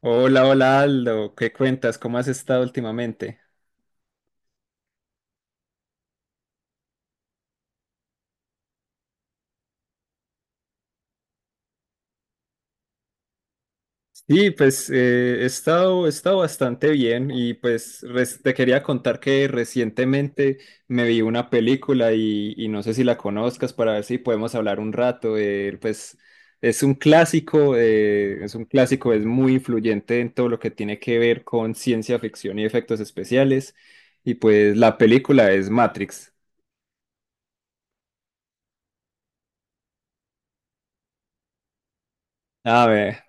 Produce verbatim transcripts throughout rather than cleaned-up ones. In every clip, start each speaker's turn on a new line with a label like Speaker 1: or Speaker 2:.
Speaker 1: Hola, hola Aldo, ¿qué cuentas? ¿Cómo has estado últimamente? Sí, pues eh, he estado, he estado bastante bien y pues res- te quería contar que recientemente me vi una película y, y no sé si la conozcas para ver si podemos hablar un rato. Eh, pues es un clásico, eh, es un clásico, es muy influyente en todo lo que tiene que ver con ciencia ficción y efectos especiales y pues la película es Matrix. A ver.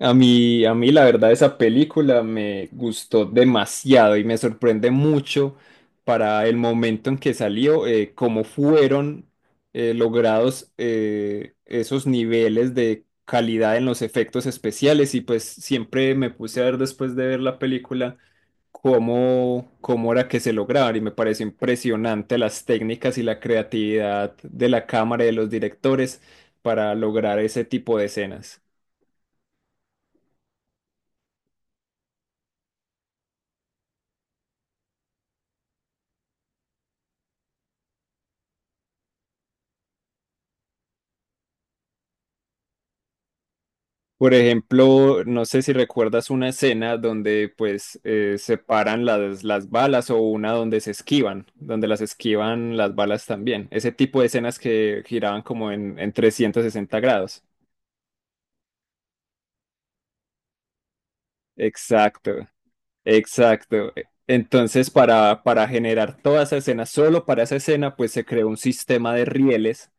Speaker 1: A mí, a mí la verdad esa película me gustó demasiado y me sorprende mucho para el momento en que salió, eh, cómo fueron eh, logrados eh, esos niveles de calidad en los efectos especiales y pues siempre me puse a ver después de ver la película cómo, cómo era que se lograban y me pareció impresionante las técnicas y la creatividad de la cámara y de los directores para lograr ese tipo de escenas. Por ejemplo, no sé si recuerdas una escena donde pues eh, separan las, las balas o una donde se esquivan, donde las esquivan las balas también. Ese tipo de escenas que giraban como en, en trescientos sesenta grados. Exacto, exacto. E, Entonces, para, para generar toda esa escena, solo para esa escena, pues se creó un sistema de rieles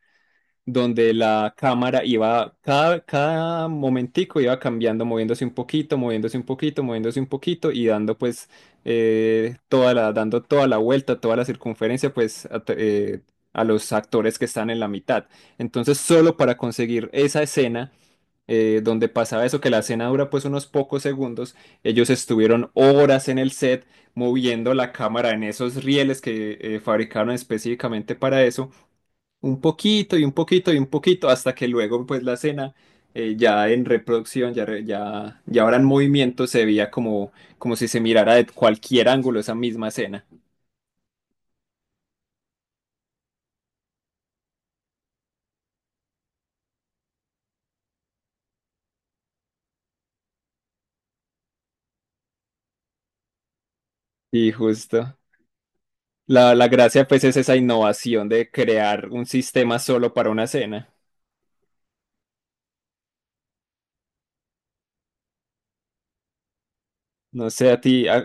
Speaker 1: donde la cámara iba, cada, cada momentico iba cambiando, moviéndose un poquito, moviéndose un poquito, moviéndose un poquito y dando pues eh, toda la, dando toda la vuelta, toda la circunferencia pues a, t- eh, a los actores que están en la mitad. Entonces solo para conseguir esa escena eh, donde pasaba eso, que la escena dura pues unos pocos segundos, ellos estuvieron horas en el set moviendo la cámara en esos rieles que eh, fabricaron específicamente para eso un poquito y un poquito y un poquito hasta que luego pues la escena eh, ya en reproducción, ya, re- ya, ya ahora en movimiento se veía como, como si se mirara de cualquier ángulo esa misma escena. Y justo. La, la gracia pues es esa innovación de crear un sistema solo para una escena. No sé, a ti, a,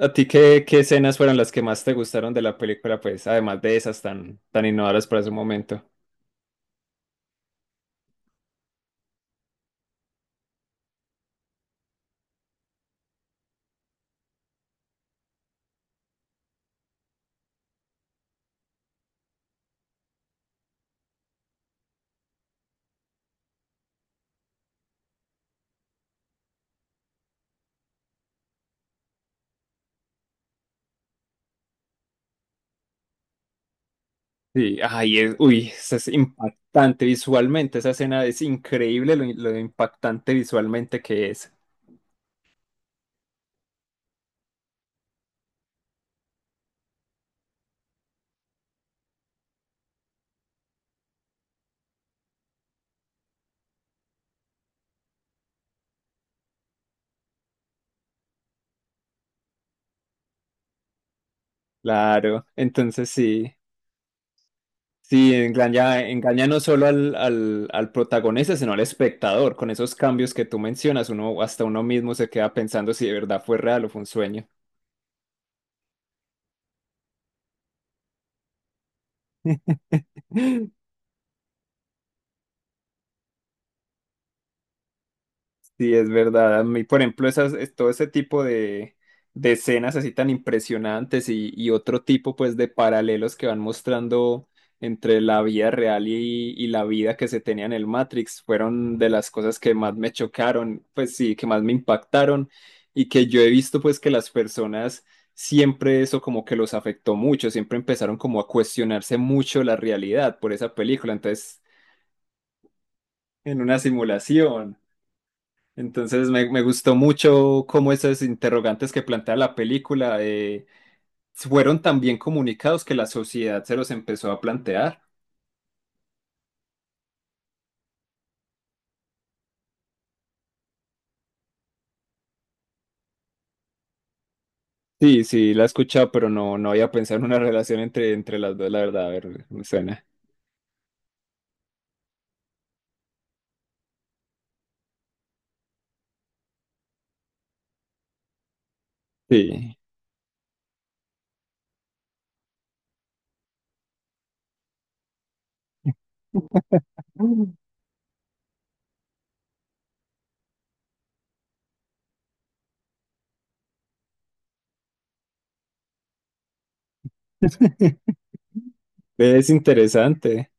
Speaker 1: a ti qué, qué escenas fueron las que más te gustaron de la película, pues, además de esas tan, tan innovadoras para su momento. Sí, ay, es, uy, eso es impactante visualmente, esa escena es increíble lo, lo impactante visualmente que es. Claro, entonces sí, sí, engaña, engaña no solo al, al, al protagonista, sino al espectador, con esos cambios que tú mencionas, uno hasta uno mismo se queda pensando si de verdad fue real o fue un sueño. Sí, es verdad. A mí, por ejemplo, esas, es- todo ese tipo de, de escenas así tan impresionantes y, y otro tipo pues de paralelos que van mostrando entre la vida real y, y la vida que se tenía en el Matrix fueron de las cosas que más me chocaron, pues sí, que más me impactaron y que yo he visto pues que las personas siempre eso como que los afectó mucho, siempre empezaron como a cuestionarse mucho la realidad por esa película. Entonces, en una simulación. Entonces me, me gustó mucho cómo esos interrogantes que plantea la película eh, fueron tan bien comunicados que la sociedad se los empezó a plantear. Sí, sí, la he escuchado, pero no, no había pensado en una relación entre, entre las dos, la verdad, a ver, me suena. Sí. Mm. Es interesante.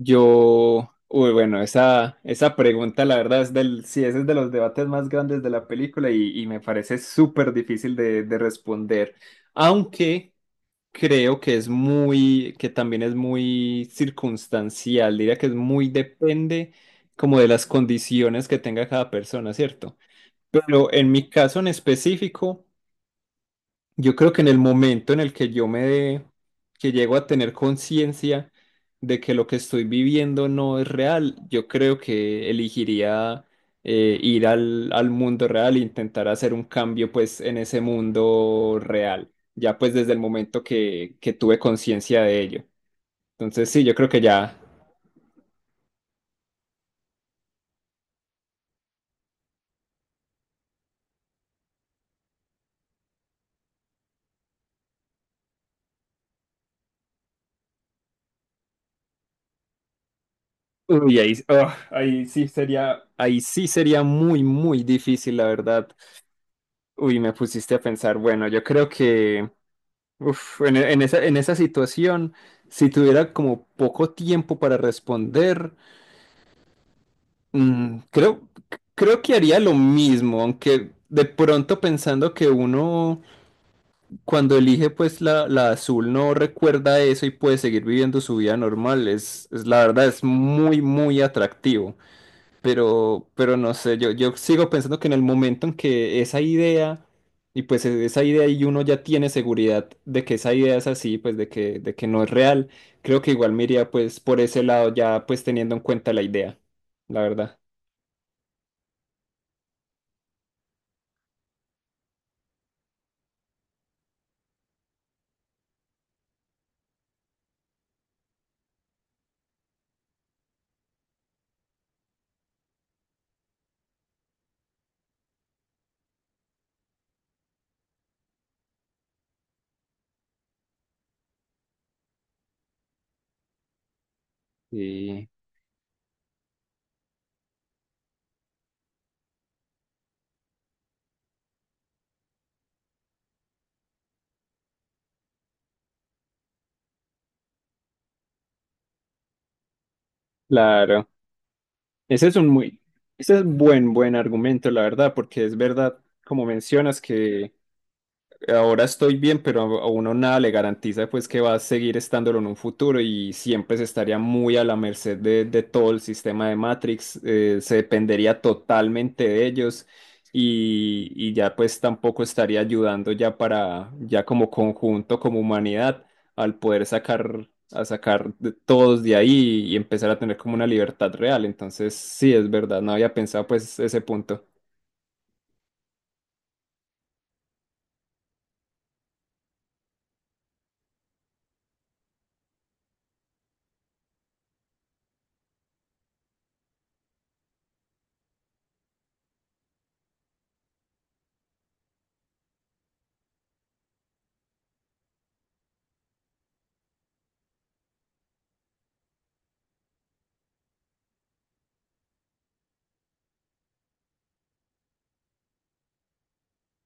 Speaker 1: Yo, uy, bueno, esa, esa pregunta, la verdad, es del, sí, ese es de los debates más grandes de la película y, y me parece súper difícil de, de responder. Aunque... Creo que es muy, que también es muy circunstancial, diría que es muy depende como de las condiciones que tenga cada persona, ¿cierto? Pero en mi caso en específico, yo creo que en el momento en el que yo me dé, que llego a tener conciencia de que lo que estoy viviendo no es real, yo creo que elegiría eh, ir al, al mundo real e intentar hacer un cambio pues en ese mundo real, ya pues desde el momento que, que tuve conciencia de ello. Entonces sí, yo creo que ya, uy, ahí, oh, ahí sí sería, ahí sí sería muy, muy difícil, la verdad. Uy, me pusiste a pensar, bueno, yo creo que... Uf, en, e- en esa, en esa situación, si tuviera como poco tiempo para responder, mm, creo, creo que haría lo mismo, aunque de pronto pensando que uno cuando elige pues la, la azul no recuerda eso y puede seguir viviendo su vida normal, es, es la verdad, es muy, muy atractivo. Pero, pero no sé, yo, yo sigo pensando que en el momento en que esa idea, y pues e- esa idea y uno ya tiene seguridad de que esa idea es así, pues de que, de que no es real, creo que igual me iría pues por ese lado ya pues teniendo en cuenta la idea, la verdad. Sí, claro. Ese es un muy, ese es buen, buen argumento, la verdad, porque es verdad, como mencionas, que ahora estoy bien, pero a a uno nada le garantiza pues que va a seguir estándolo en un futuro y siempre se estaría muy a la merced de, de todo el sistema de Matrix, eh, se dependería totalmente de ellos y, y ya pues tampoco estaría ayudando ya para, ya como conjunto, como humanidad, al poder sacar, a sacar de todos de ahí y empezar a tener como una libertad real. Entonces, sí, es verdad, no había pensado pues ese punto.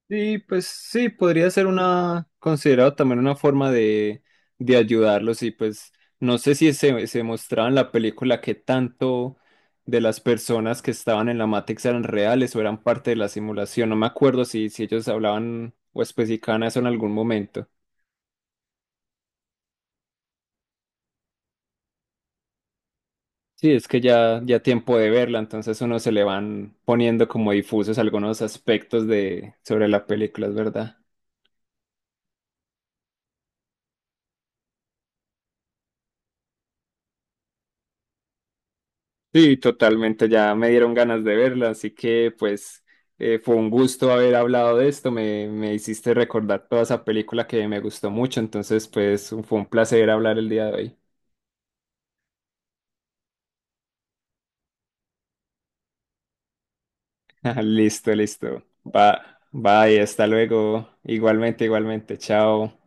Speaker 1: Sí, pues sí, podría ser una, considerado también una forma de, de ayudarlos y pues no sé si se, se mostraba en la película que tanto de las personas que estaban en la Matrix eran reales o eran parte de la simulación, no me acuerdo si, si ellos hablaban o especificaban eso en algún momento. Sí, es que ya, ya tiempo de verla, entonces uno se le van poniendo como difusos algunos aspectos de, sobre la película, es verdad. Sí, totalmente, ya me dieron ganas de verla, así que pues eh, fue un gusto haber hablado de esto, me, me hiciste recordar toda esa película que me gustó mucho, entonces pues fue un placer hablar el día de hoy. Listo, listo. Va, bye, hasta luego. Igualmente, igualmente, chao.